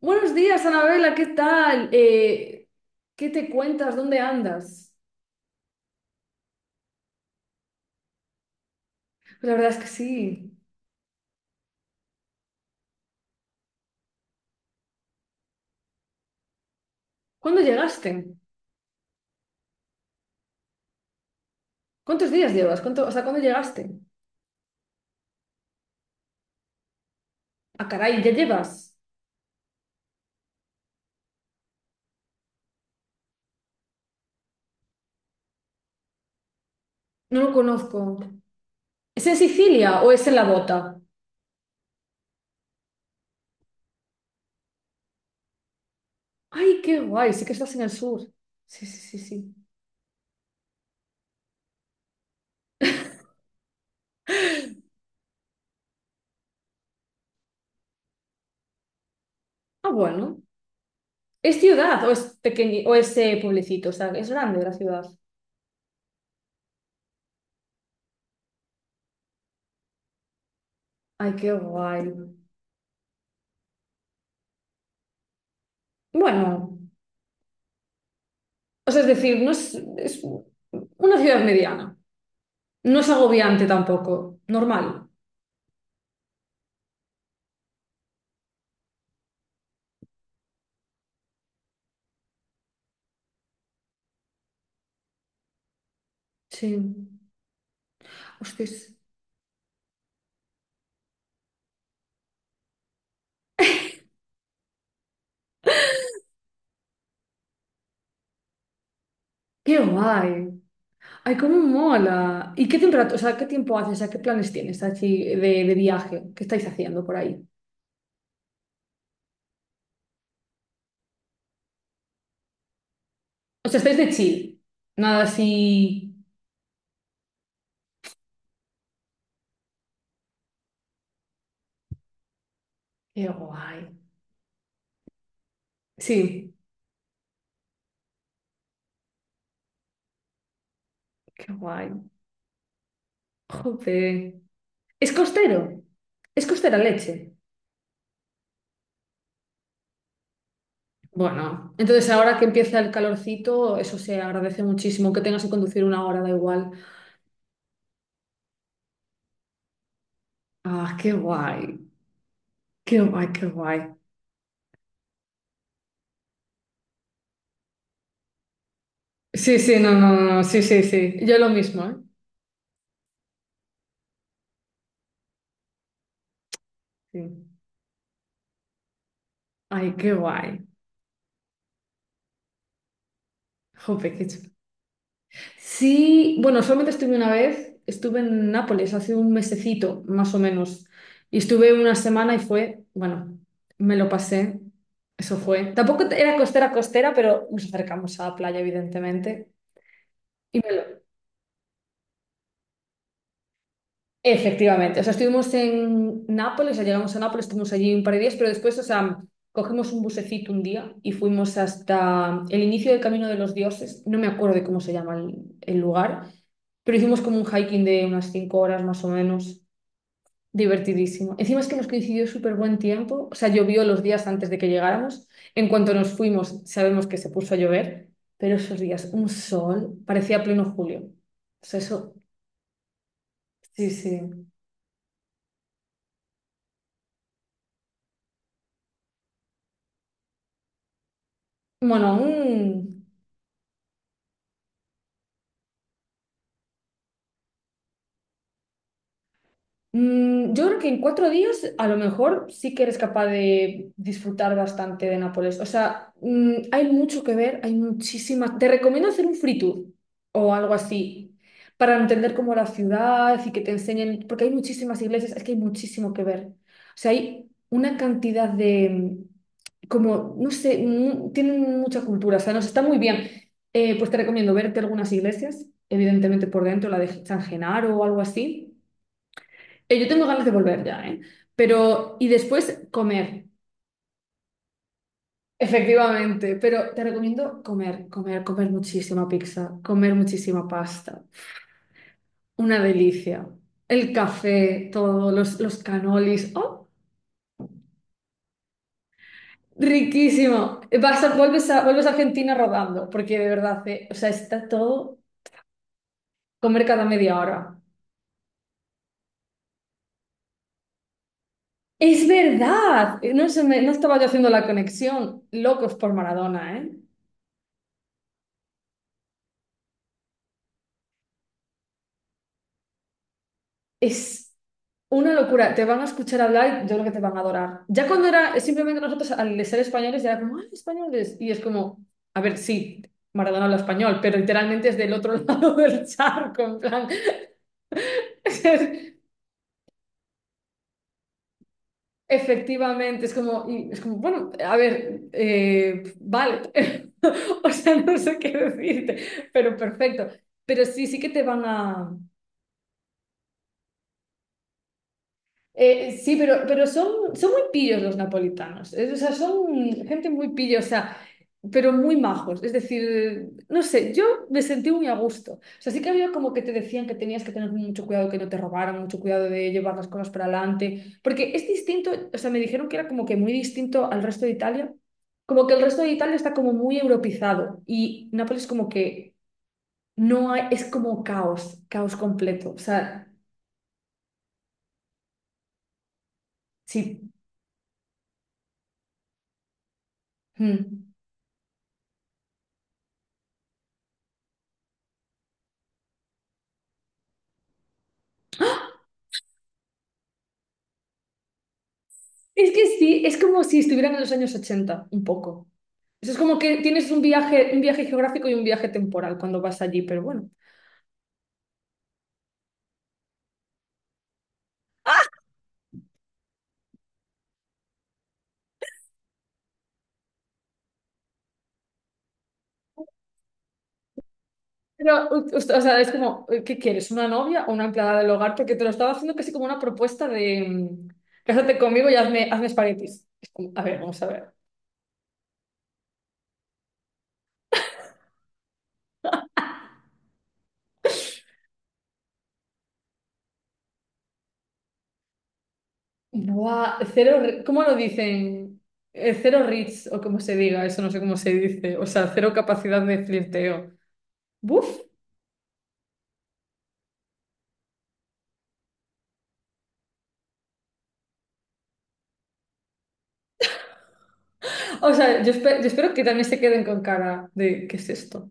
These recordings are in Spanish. Buenos días, Anabela, ¿qué tal? ¿Qué te cuentas? ¿Dónde andas? Pues la verdad es que sí. ¿Cuándo llegaste? ¿Cuántos días llevas? O sea, ¿cuándo llegaste? Ah, caray, ¿ya llevas? No lo conozco. ¿Es en Sicilia o es en La Bota? Ay, qué guay, sí que estás en el sur. Sí, sí, sí, sí. Ah, bueno. ¿Es ciudad o es pequeño o es pueblecito? O sea, es grande la ciudad. Ay, qué guay. Bueno, o sea, es decir, no es, es una ciudad mediana. No es agobiante tampoco, normal. Sí. Hostias, qué guay. Ay, cómo mola. ¿Y qué temperatura, o sea, qué tiempo haces, o sea, qué planes tienes así de viaje? ¿Qué estáis haciendo por ahí? O sea, estáis de chill. Nada así. Qué guay. Sí, qué guay. Jope. ¿Es costero? ¿Es costera leche? Bueno, entonces ahora que empieza el calorcito, eso se agradece muchísimo. Que tengas que conducir una hora, da igual. Ah, qué guay. Qué guay, qué guay. Sí, sí, no, no, no, no, sí, sí, sí. Yo lo mismo, ¿eh? Sí. Ay, qué guay. Jope, qué chulo. Sí, bueno, solamente estuve una vez, estuve en Nápoles hace un mesecito, más o menos, y estuve una semana y fue, bueno, me lo pasé, eso fue. Tampoco era costera costera, pero nos acercamos a la playa, evidentemente, y me lo. Efectivamente, o sea, estuvimos en Nápoles, o sea, llegamos a Nápoles, estuvimos allí un par de días, pero después, o sea, cogimos un busecito un día y fuimos hasta el inicio del Camino de los Dioses, no me acuerdo de cómo se llama el lugar, pero hicimos como un hiking de unas 5 horas más o menos, divertidísimo. Encima es que nos coincidió súper buen tiempo, o sea, llovió los días antes de que llegáramos, en cuanto nos fuimos sabemos que se puso a llover, pero esos días, un sol, parecía pleno julio. O sea, eso, sí, sí. Bueno, un. Yo creo que en 4 días a lo mejor sí que eres capaz de disfrutar bastante de Nápoles. O sea, hay mucho que ver, hay muchísimas. Te recomiendo hacer un free tour o algo así para entender cómo la ciudad y que te enseñen, porque hay muchísimas iglesias, es que hay muchísimo que ver. O sea, hay una cantidad de, como, no sé, tienen mucha cultura, o sea, nos está muy bien. Pues te recomiendo verte algunas iglesias, evidentemente por dentro, la de San Genaro o algo así. Yo tengo ganas de volver ya, ¿eh? Pero, y después comer, efectivamente. Pero te recomiendo comer, comer, comer muchísima pizza, comer muchísima pasta. Una delicia. El café, todo, los canolis. ¡Oh! Riquísimo. Vas a- vuelves a, vuelves a Argentina rodando, porque de verdad, o sea, está todo comer cada media hora. Es verdad. No, no estaba yo haciendo la conexión. Locos por Maradona, ¿eh? Es. Una locura, te van a escuchar hablar y yo creo que te van a adorar. Ya cuando era simplemente nosotros al ser españoles era como, ¡ay, españoles! Y es como, a ver, sí, Maradona habla español, pero literalmente es del otro lado del charco, en plan. Efectivamente, es como, y es como, bueno, a ver, vale. O sea, no sé qué decirte, pero perfecto. Pero sí, sí que te van a. Sí, pero son muy pillos los napolitanos. O sea, son gente muy pilla, o sea, pero muy majos. Es decir, no sé, yo me sentí muy a gusto. O sea, sí que había como que te decían que tenías que tener mucho cuidado que no te robaran, mucho cuidado de llevar las cosas para adelante. Porque es distinto, o sea, me dijeron que era como que muy distinto al resto de Italia. Como que el resto de Italia está como muy europizado y Nápoles como que no hay, es como caos, caos completo. O sea, sí. Mm. Es que sí, es como si estuvieran en los años 80 un poco. Eso es como que tienes un viaje geográfico y un viaje temporal cuando vas allí, pero bueno. Pero, o sea, es como, ¿qué quieres? ¿Una novia o una empleada del hogar? Porque te lo estaba haciendo casi como una propuesta de cásate conmigo y hazme espaguetis. Es como, a ver, vamos a ver. Buah, cero, ¿cómo lo dicen? Cero reach, o como se diga, eso no sé cómo se dice. O sea, cero capacidad de flirteo. ¡Buf! O sea, yo espero que también se queden con cara de ¿qué es esto?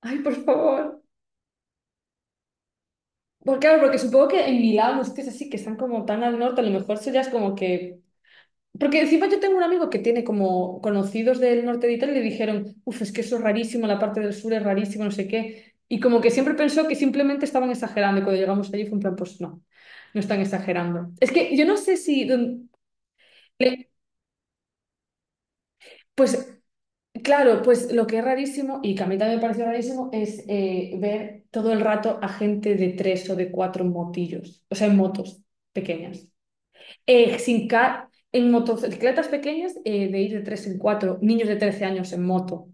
Ay, por favor. Porque, claro, porque supongo que en Milán, los sitios así que están como tan al norte, a lo mejor eso ya es como que. Porque encima yo tengo un amigo que tiene como conocidos del norte de Italia y le dijeron, uff, es que eso es rarísimo, la parte del sur es rarísimo, no sé qué. Y como que siempre pensó que simplemente estaban exagerando y cuando llegamos allí fue un plan, pues no, no están exagerando. Es que yo no sé si... le- Pues claro, pues lo que es rarísimo, y que a mí también me pareció rarísimo, es ver todo el rato a gente de tres o de cuatro motillos, o sea, en motos pequeñas. Sin ca- En motocicletas pequeñas, de ir de tres en cuatro, niños de 13 años en moto.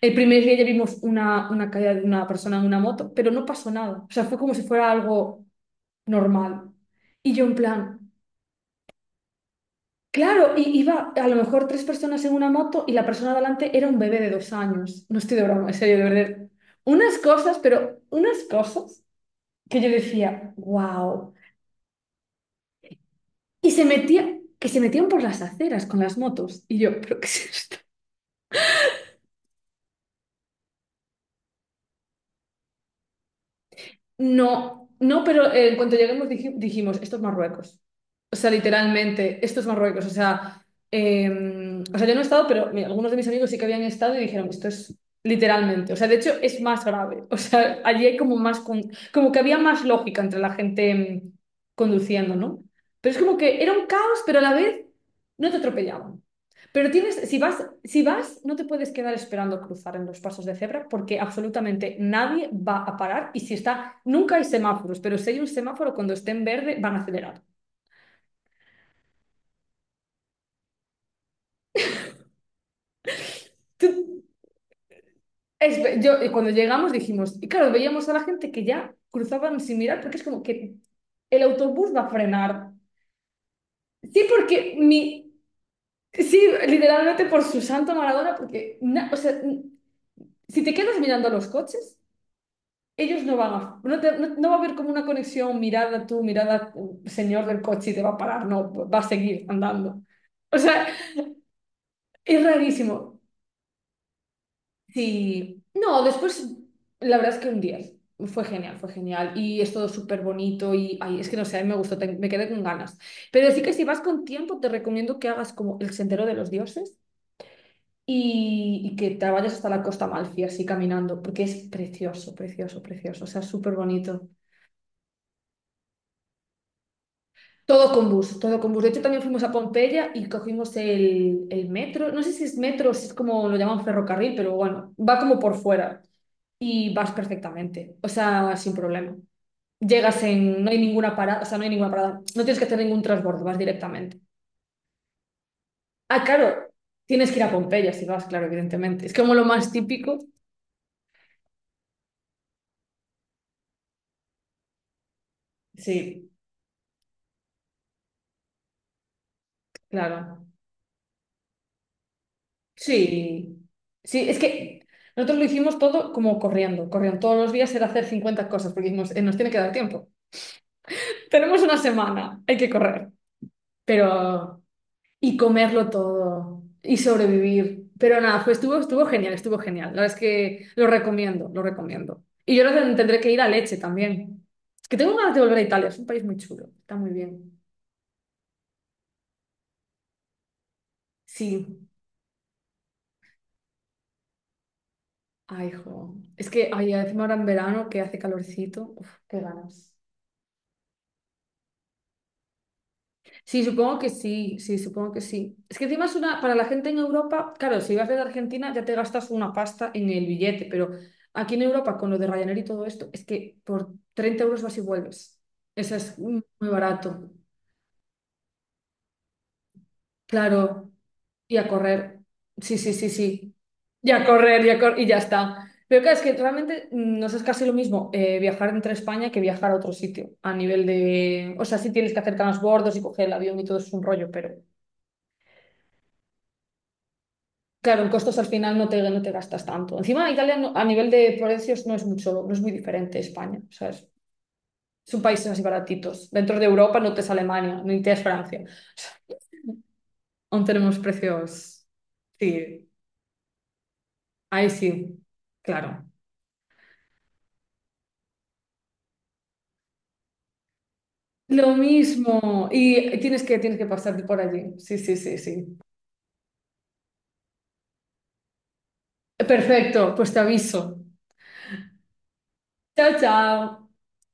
El primer día ya vimos una caída de una persona en una moto, pero no pasó nada. O sea, fue como si fuera algo normal. Y yo en plan. Claro, y iba a lo mejor tres personas en una moto y la persona de adelante era un bebé de 2 años. No estoy de broma, en serio, de verdad. Unas cosas, pero unas cosas que yo decía, wow. Y se metía, que se metían por las aceras con las motos. Y yo, ¿pero qué es esto? No, no, pero en cuanto lleguemos dijimos, esto es Marruecos. O sea, literalmente, esto es Marruecos. O sea, eh, yo no he estado, pero mira, algunos de mis amigos sí que habían estado y dijeron, esto es literalmente. O sea, de hecho, es más grave. O sea, allí hay como más, como que había más lógica entre la gente mm, conduciendo, ¿no? Pero es como que era un caos, pero a la vez no te atropellaban. Pero tienes, si vas, no te puedes quedar esperando cruzar en los pasos de cebra porque absolutamente nadie va a parar y si está, nunca hay semáforos, pero si hay un semáforo cuando esté en verde van a acelerar. Es yo, y cuando llegamos dijimos, y claro, veíamos a la gente que ya cruzaban sin mirar porque es como que el autobús va a frenar. Sí, porque mi, sí, literalmente por su santo Maradona, porque, o sea, si te quedas mirando los coches. Ellos no van a, no, no va a haber como una conexión, mirada tú, mirada señor del coche y te va a parar, no, va a seguir andando. O sea, es rarísimo. Sí, no, después, la verdad es que un 10, fue genial y es todo súper bonito y, ay, es que no sé, a mí me gustó, me quedé con ganas. Pero sí que si vas con tiempo, te recomiendo que hagas como el Sendero de los Dioses. Y que te vayas hasta la Costa Amalfi así caminando, porque es precioso, precioso, precioso, o sea, súper bonito. Todo con bus, todo con bus. De hecho, también fuimos a Pompeya y cogimos el metro. No sé si es metro o si es como lo llaman ferrocarril, pero bueno, va como por fuera y vas perfectamente, o sea, sin problema. Llegas en, no hay ninguna parada, o sea, no hay ninguna parada, no tienes que hacer ningún transbordo, vas directamente. Ah, claro, tienes que ir a Pompeya si vas, claro, evidentemente. Es como lo más típico. Sí, claro. Sí, sí, es que nosotros lo hicimos todo como corriendo, corriendo. Todos los días era hacer 50 cosas porque nos tiene que dar tiempo. Tenemos una semana, hay que correr, pero. Y comerlo todo, y sobrevivir. Pero nada, fue, estuvo genial, estuvo genial. La verdad es que lo recomiendo, lo recomiendo. Y yo creo que tendré que ir a Leche también. Es que tengo ganas de volver a Italia, es un país muy chulo, está muy bien. Sí, ay, jo. Es que, ay, encima ahora en verano que hace calorcito, uf, qué ganas. Sí, supongo que sí, sí, supongo que sí. Es que encima es una, para la gente en Europa, claro, si vas de Argentina ya te gastas una pasta en el billete, pero aquí en Europa con lo de Ryanair y todo esto, es que por 30 € vas y vuelves. Eso es muy barato. Claro, y a correr. Sí, sí, sí, sí. Y a correr, y ya está. Pero claro, es que realmente nos es casi lo mismo viajar entre España que viajar a otro sitio, a nivel de. O sea, sí tienes que hacer bordos y coger el avión y todo es un rollo, pero. Claro, en costos al final no te gastas tanto. Encima, Italia a nivel de precios no es mucho, no es muy diferente a España. O sea, es, son países así baratitos. Dentro de Europa no te es Alemania, ni te es Francia. Aún tenemos precios. Sí, ahí sí, claro. Lo mismo. Y tienes que pasarte por allí. Sí, sí, sí, sí. Perfecto, pues te aviso. Chao, chao.